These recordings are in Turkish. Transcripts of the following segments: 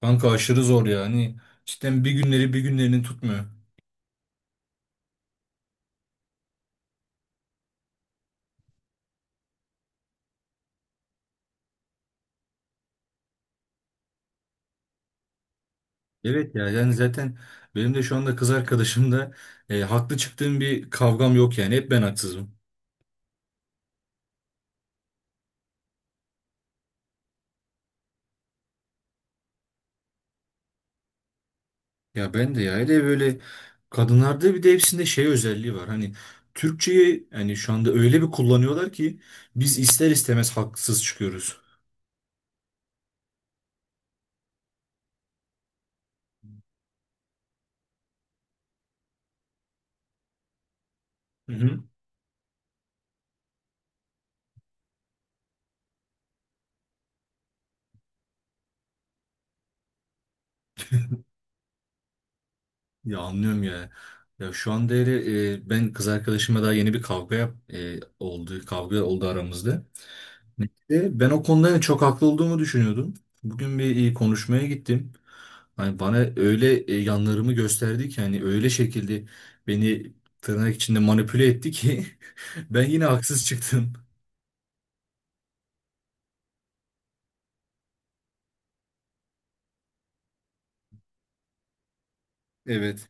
Kanka aşırı zor ya. Hani cidden bir günlerini tutmuyor. Evet ya yani zaten benim de şu anda kız arkadaşımda haklı çıktığım bir kavgam yok yani. Hep ben haksızım. Ya ben de ya. Hele böyle kadınlarda bir de hepsinde şey özelliği var. Hani Türkçeyi yani şu anda öyle bir kullanıyorlar ki biz ister istemez haksız çıkıyoruz. Hı hı. Ya anlıyorum ya. Ya şu anda hele, ben kız arkadaşıma daha yeni bir kavga oldu. Kavga oldu aramızda. Ben o konuda yani çok haklı olduğumu düşünüyordum. Bugün bir konuşmaya gittim. Hani bana öyle yanlarımı gösterdi ki hani öyle şekilde beni tırnak içinde manipüle etti ki ben yine haksız çıktım. Evet.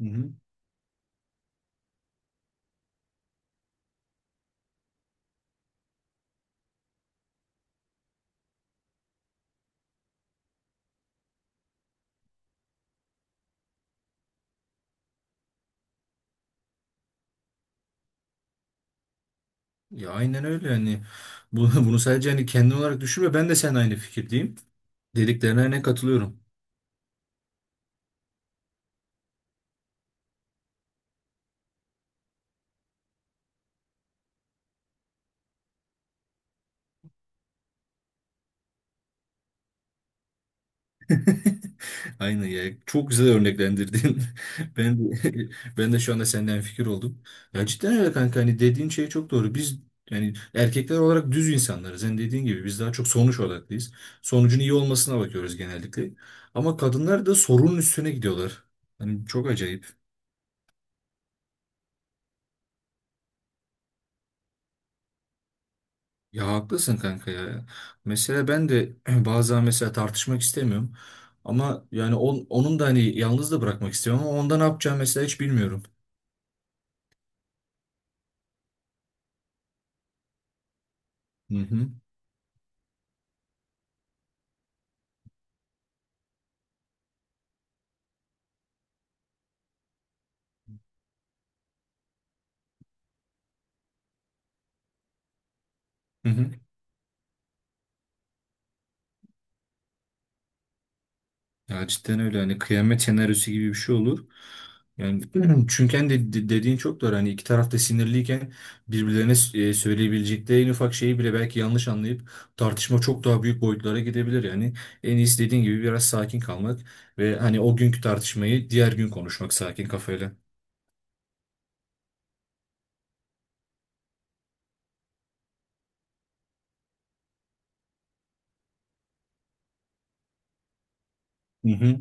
Hı hı. Ya aynen öyle yani. Bunu sadece hani kendin olarak düşünme, ben de seninle aynı fikirdeyim. Dediklerine ne katılıyorum. Aynen ya. Çok güzel örneklendirdin. Ben de, Ben de şu anda senden fikir oldum. Ya cidden öyle kanka, hani dediğin şey çok doğru. Biz yani erkekler olarak düz insanlarız. Hani dediğin gibi biz daha çok sonuç odaklıyız. Sonucun iyi olmasına bakıyoruz genellikle. Ama kadınlar da sorunun üstüne gidiyorlar. Hani çok acayip. Ya haklısın kanka ya. Mesela ben de bazen mesela tartışmak istemiyorum. Ama yani onun da hani yalnız da bırakmak istiyorum ama onda ne yapacağım mesela hiç bilmiyorum. Hı hı. Hı hı. Ya cidden öyle, hani kıyamet senaryosu gibi bir şey olur. Yani çünkü hani dediğin çok doğru. Hani iki taraf da sinirliyken birbirlerine söyleyebilecekleri en ufak şeyi bile belki yanlış anlayıp tartışma çok daha büyük boyutlara gidebilir. Yani en iyisi dediğin gibi biraz sakin kalmak ve hani o günkü tartışmayı diğer gün konuşmak sakin kafayla. Hı hı.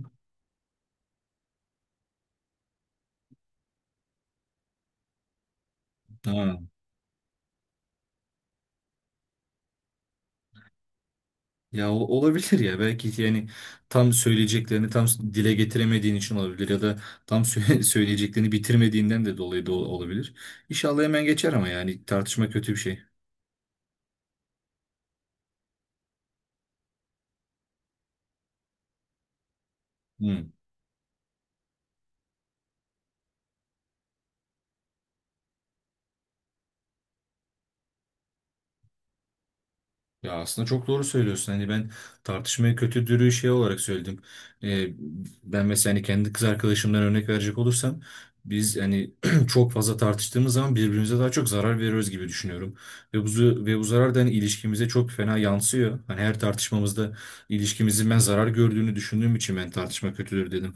Ha. Ya olabilir ya, belki yani tam söyleyeceklerini tam dile getiremediğin için olabilir, ya da tam söyleyeceklerini bitirmediğinden de dolayı da olabilir. İnşallah hemen geçer ama yani tartışma kötü bir şey. Hmm. Ya aslında çok doğru söylüyorsun. Hani ben tartışmayı kötü dürüyü şey olarak söyledim. Ee, ben mesela hani kendi kız arkadaşımdan örnek verecek olursam biz hani çok fazla tartıştığımız zaman birbirimize daha çok zarar veriyoruz gibi düşünüyorum. Ve bu zarar da hani ilişkimize çok fena yansıyor. Hani her tartışmamızda ilişkimizin ben zarar gördüğünü düşündüğüm için ben tartışma kötüdür dedim.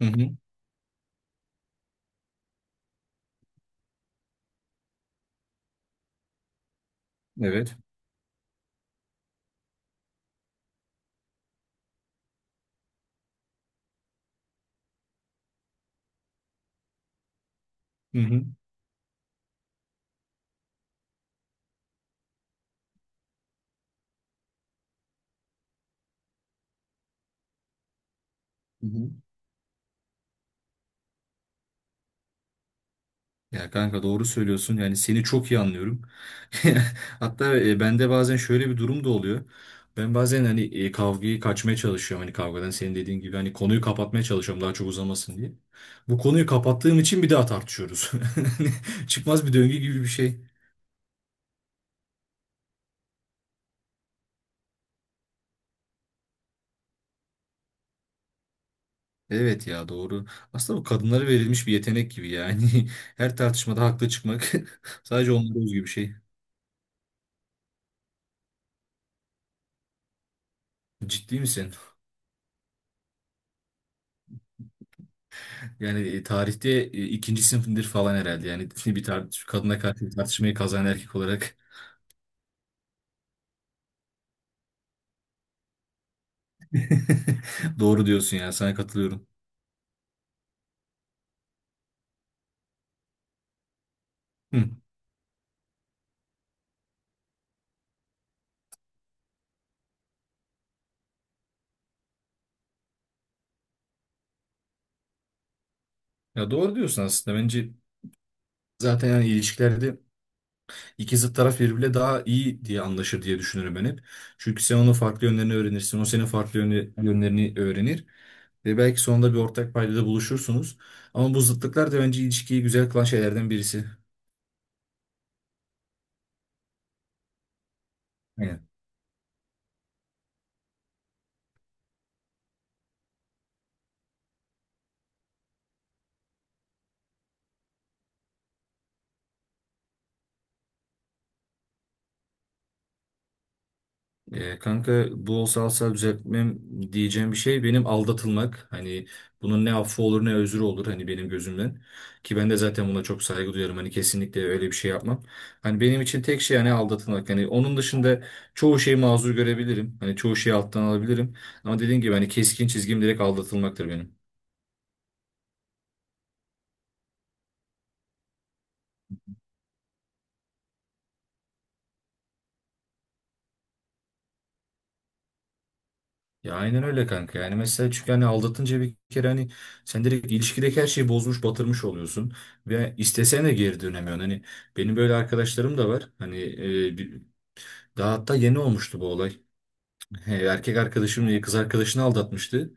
Hı hı. Evet. Hı hı. Hı hı. Ya kanka doğru söylüyorsun. Yani seni çok iyi anlıyorum. Hatta bende bazen şöyle bir durum da oluyor. Ben bazen hani kavgayı kaçmaya çalışıyorum. Hani kavgadan senin dediğin gibi hani konuyu kapatmaya çalışıyorum daha çok uzamasın diye. Bu konuyu kapattığım için bir daha tartışıyoruz. Çıkmaz bir döngü gibi bir şey. Evet ya, doğru. Aslında bu kadınlara verilmiş bir yetenek gibi yani. Her tartışmada haklı çıkmak sadece onlara özgü bir şey. Ciddi misin? Yani tarihte ikinci sınıfındır falan herhalde. Yani bir kadına karşı bir tartışmayı kazanan erkek olarak. Doğru diyorsun ya, sana katılıyorum. Hı. Ya doğru diyorsun aslında. Bence zaten yani ilişkilerde iki zıt taraf birbiriyle daha iyi diye anlaşır diye düşünürüm ben hep. Çünkü sen onun farklı yönlerini öğrenirsin. O senin farklı yönlerini öğrenir. Ve belki sonunda bir ortak paydada buluşursunuz. Ama bu zıtlıklar da bence ilişkiyi güzel kılan şeylerden birisi. Kanka bu olsa alsa düzeltmem diyeceğim bir şey benim aldatılmak. Hani bunun ne affı olur ne özrü olur, hani benim gözümden. Ki ben de zaten buna çok saygı duyarım. Hani kesinlikle öyle bir şey yapmam. Hani benim için tek şey hani aldatılmak. Hani onun dışında çoğu şeyi mazur görebilirim. Hani çoğu şeyi alttan alabilirim. Ama dediğim gibi hani keskin çizgim direkt aldatılmaktır benim. Ya aynen öyle kanka. Yani mesela çünkü hani aldatınca bir kere hani sen direkt ilişkideki her şeyi bozmuş, batırmış oluyorsun ve istesen de geri dönemiyorsun. Hani benim böyle arkadaşlarım da var. Hani daha hatta yeni olmuştu bu olay. He, erkek arkadaşım kız arkadaşını aldatmıştı.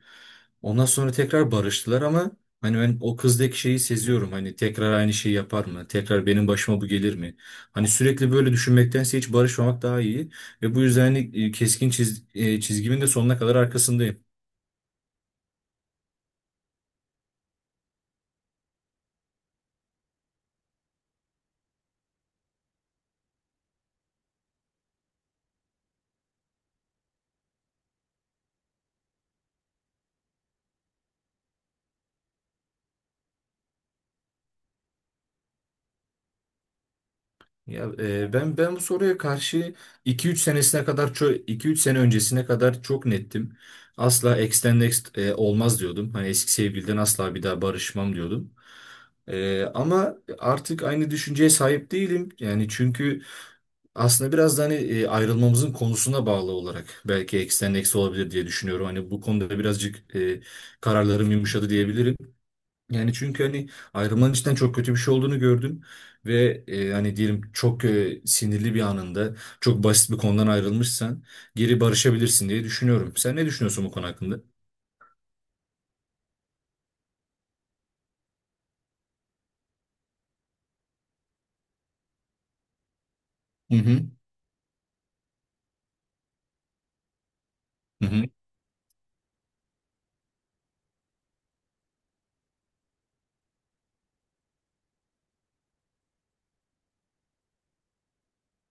Ondan sonra tekrar barıştılar ama hani ben o kızdaki şeyi seziyorum. Hani tekrar aynı şeyi yapar mı? Tekrar benim başıma bu gelir mi? Hani sürekli böyle düşünmektense hiç barışmamak daha iyi. Ve bu yüzden hani keskin çizgimin de sonuna kadar arkasındayım. Ya ben bu soruya karşı iki üç senesine kadar çok 2-3 sene öncesine kadar çok nettim. Asla ex next olmaz diyordum. Hani eski sevgiliden asla bir daha barışmam diyordum. Ama artık aynı düşünceye sahip değilim. Yani çünkü aslında biraz da hani ayrılmamızın konusuna bağlı olarak belki ex next olabilir diye düşünüyorum. Hani bu konuda birazcık kararlarım yumuşadı diyebilirim. Yani çünkü hani ayrılmanın içten çok kötü bir şey olduğunu gördüm ve hani diyelim çok sinirli bir anında çok basit bir konudan ayrılmışsan geri barışabilirsin diye düşünüyorum. Sen ne düşünüyorsun bu konu hakkında? Hı hı. Hı hı.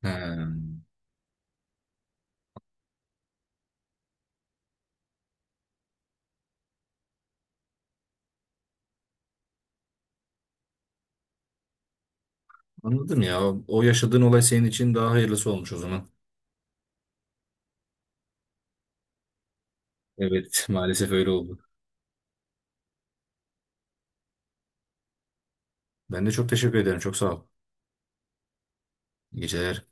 Ha, anladım ya. O yaşadığın olay senin için daha hayırlısı olmuş o zaman. Evet, maalesef öyle oldu. Ben de çok teşekkür ederim. Çok sağ ol. İyi geceler.